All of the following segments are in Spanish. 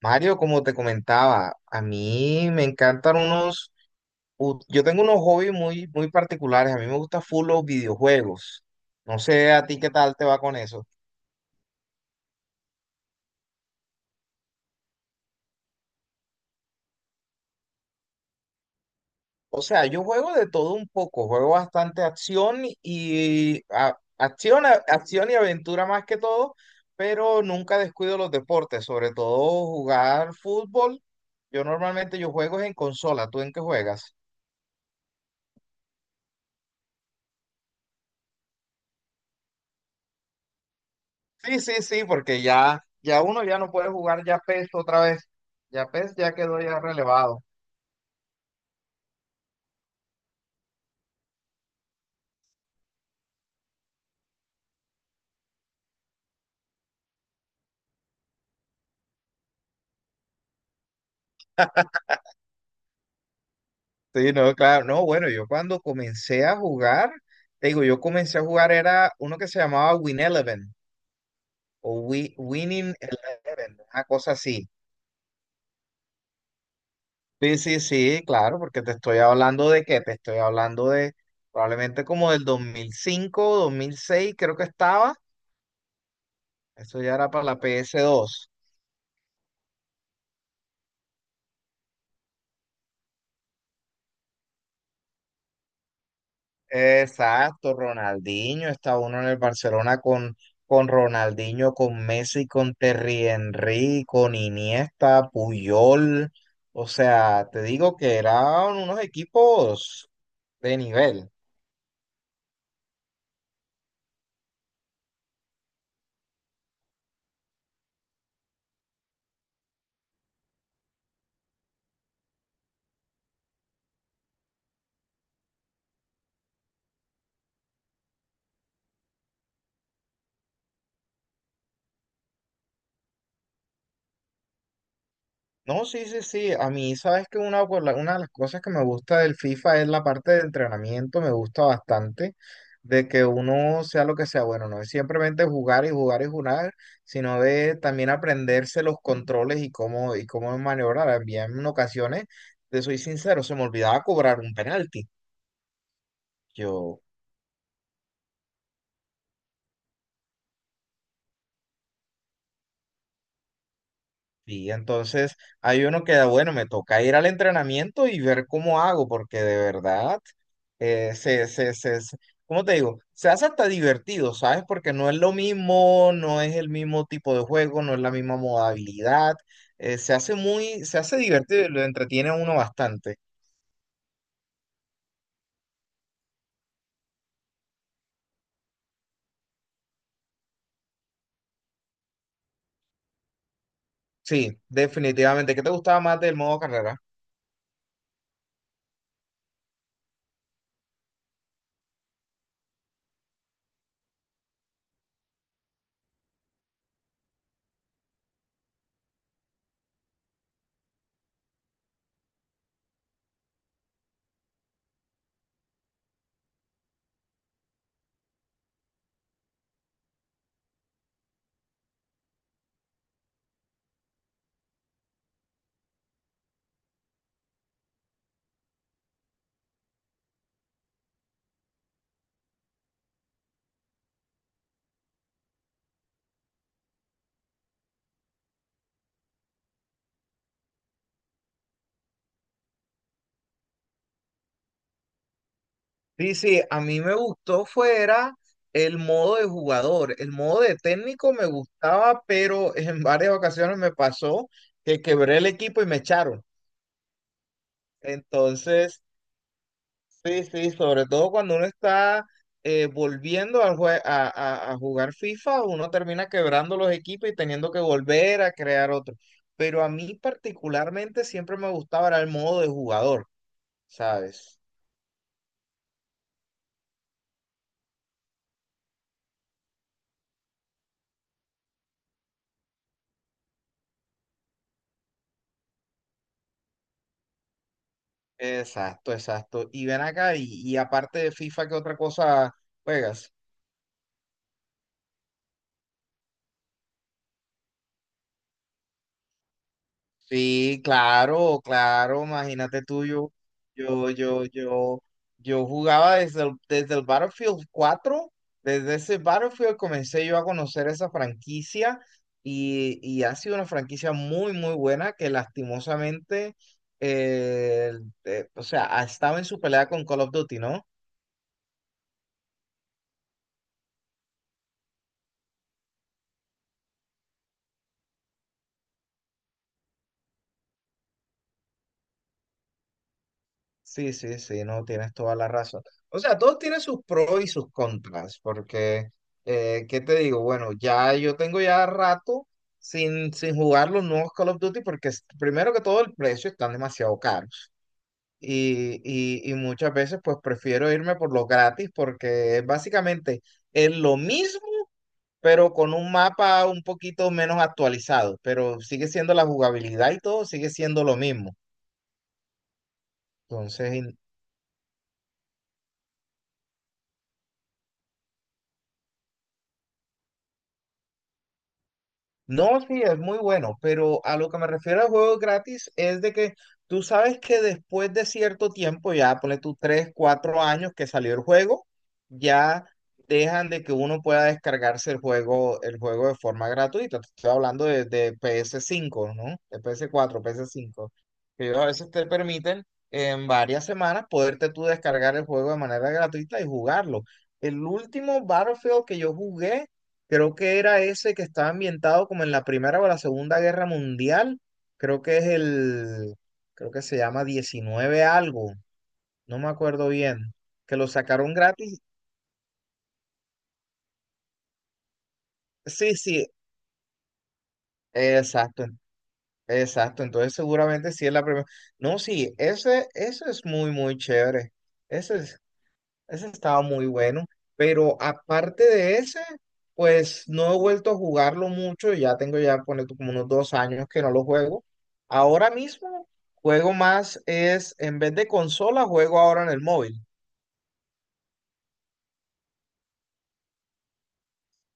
Mario, como te comentaba, a mí me encantan yo tengo unos hobbies muy, muy particulares. A mí me gusta full los videojuegos. No sé a ti qué tal te va con eso. O sea, yo juego de todo un poco, juego bastante acción y acción y aventura más que todo, pero nunca descuido los deportes, sobre todo jugar fútbol. Yo normalmente yo juego en consola, ¿tú en qué juegas? Sí, sí, sí, porque ya uno ya no puede jugar ya PES otra vez. Ya PES ya quedó ya relevado. Sí, no, claro, no, bueno, yo cuando comencé a jugar, te digo, yo comencé a jugar era uno que se llamaba Win Eleven o Winning Eleven, una cosa así. Sí, sí, sí, claro, porque te estoy hablando de qué, te estoy hablando de probablemente como del 2005, 2006, creo que estaba. Eso ya era para la PS2. Exacto, Ronaldinho. Está uno en el Barcelona con Ronaldinho, con Messi, con Terry Henry, con Iniesta, Puyol. O sea, te digo que eran unos equipos de nivel. No, sí, sí, sí. A mí, sabes que una, una de las cosas que me gusta del FIFA es la parte de entrenamiento, me gusta bastante, de que uno sea lo que sea, bueno, no es simplemente jugar y jugar y jugar, sino de también aprenderse los controles y cómo maniobrar. Había en ocasiones, te soy sincero, se me olvidaba cobrar un penalti. Yo, sí, entonces hay uno que, bueno, me toca ir al entrenamiento y ver cómo hago, porque de verdad, eh, se, se, se, se- ¿cómo te digo? Se hace hasta divertido, ¿sabes? Porque no es lo mismo, no es el mismo tipo de juego, no es la misma modalidad. Se hace muy, se hace divertido y lo entretiene a uno bastante. Sí, definitivamente. ¿Qué te gustaba más del modo carrera? Sí, sí, a mí me gustó fuera el modo de jugador. El modo de técnico me gustaba, pero en varias ocasiones me pasó que quebré el equipo y me echaron. Entonces, sí, sí, sobre todo cuando uno está volviendo al a jugar FIFA, uno termina quebrando los equipos y teniendo que volver a crear otro. Pero a mí particularmente siempre me gustaba era el modo de jugador, ¿sabes? Exacto, exacto. Y ven acá, y aparte de FIFA, ¿qué otra cosa juegas? Sí, claro, claro, imagínate tú, yo, yo, yo, yo jugaba desde el Battlefield 4. Desde ese Battlefield comencé yo a conocer esa franquicia y, ha sido una franquicia muy, muy buena que lastimosamente, eh, o sea, ha estado en su pelea con Call of Duty, ¿no? Sí, sí, sí, no, tienes toda la razón. O sea, todos tienen sus pros y sus contras, porque, ¿qué te digo? Bueno, ya yo tengo ya rato sin jugar los nuevos Call of Duty, porque primero que todo el precio están demasiado caros. Y muchas veces pues prefiero irme por los gratis, porque es básicamente es lo mismo, pero con un mapa un poquito menos actualizado, pero sigue siendo la jugabilidad y todo, sigue siendo lo mismo. Entonces, no, sí, es muy bueno, pero a lo que me refiero al juego gratis es de que tú sabes que después de cierto tiempo, ya ponle tú 3, 4 años que salió el juego, ya dejan de que uno pueda descargarse el juego, de forma gratuita. Te estoy hablando de PS5, ¿no? De PS4, PS5. Que ellos a veces te permiten en varias semanas poderte tú descargar el juego de manera gratuita y jugarlo. El último Battlefield que yo jugué creo que era ese que estaba ambientado como en la Primera o la Segunda Guerra Mundial. Creo que es el, creo que se llama 19 algo, no me acuerdo bien. Que lo sacaron gratis. Sí, sí, exacto, exacto. Entonces seguramente sí es la primera. No, sí, ese, eso es muy, muy chévere. Ese Ese estaba muy bueno, pero aparte de ese, pues no he vuelto a jugarlo mucho, ya tengo ya ponle tú, como unos 2 años que no lo juego. Ahora mismo juego más es, en vez de consola, juego ahora en el móvil.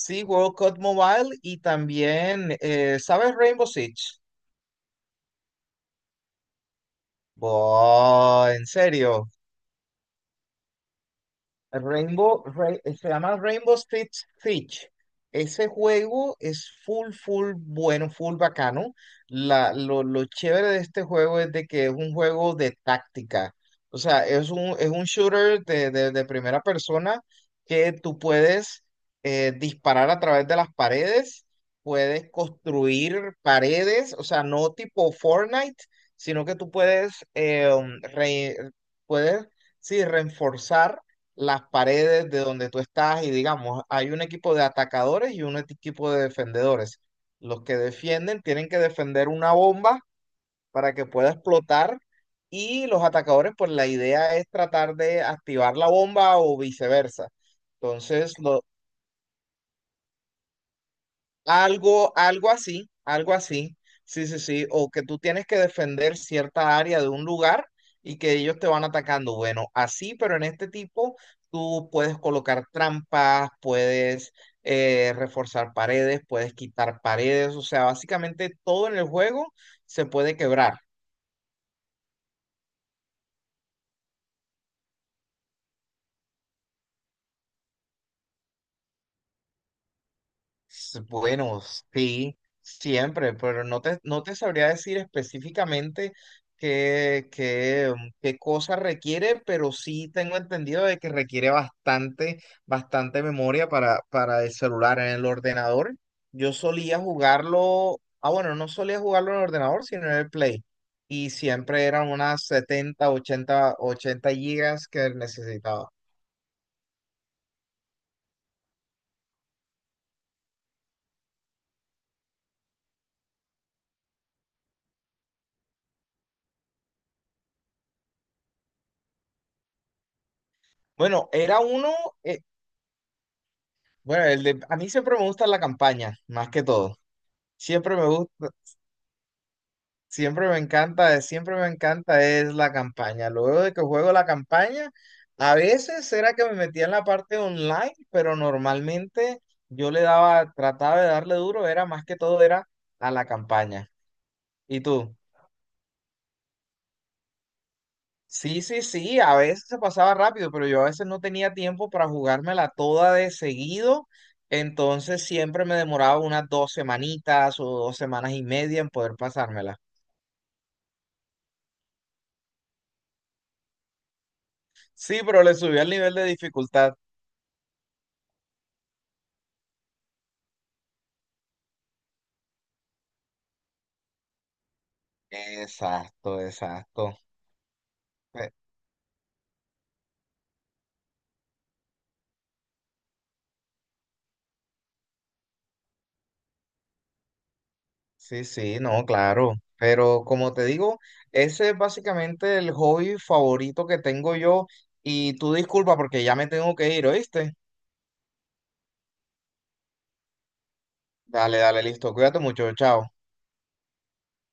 Sí, World Cup Mobile y también, ¿sabes Rainbow Six? Boh, en serio. Se llama Rainbow Six Siege. Ese juego es full, full bueno, full bacano. Lo chévere de este juego es de que es un juego de táctica. O sea, es un shooter de primera persona que tú puedes disparar a través de las paredes, puedes construir paredes. O sea, no tipo Fortnite, sino que tú puedes, puedes, sí, reforzar las paredes de donde tú estás. Y digamos, hay un equipo de atacadores y un equipo de defendedores. Los que defienden tienen que defender una bomba para que pueda explotar, y los atacadores, pues la idea es tratar de activar la bomba o viceversa. Entonces, lo algo, algo así, algo así. Sí, sí, sí. O que tú tienes que defender cierta área de un lugar y que ellos te van atacando. Bueno, así, pero en este tipo tú puedes colocar trampas, puedes reforzar paredes, puedes quitar paredes. O sea, básicamente todo en el juego se puede quebrar. Bueno, sí, siempre, pero no te sabría decir específicamente qué cosa requiere, pero sí tengo entendido de que requiere bastante, bastante memoria para el celular. En el ordenador, yo solía jugarlo, ah, bueno, no solía jugarlo en el ordenador, sino en el Play. Y siempre eran unas 70, 80 gigas que necesitaba. Bueno, era uno, eh, bueno, el de, a mí siempre me gusta la campaña, más que todo. Siempre me gusta, siempre me encanta es la campaña. Luego de que juego la campaña, a veces era que me metía en la parte online, pero normalmente yo le daba, trataba de darle duro, era más que todo era a la campaña. ¿Y tú? Sí, sí, sí, a veces se pasaba rápido, pero yo a veces no tenía tiempo para jugármela toda de seguido, entonces siempre me demoraba unas dos semanitas o 2 semanas y media en poder pasármela. Sí, pero le subí el nivel de dificultad. Exacto, exacto. Eh, sí, sí, no, claro. Pero como te digo, ese es básicamente el hobby favorito que tengo yo y tú disculpa porque ya me tengo que ir, ¿oíste? Dale, dale, listo, cuídate mucho, chao.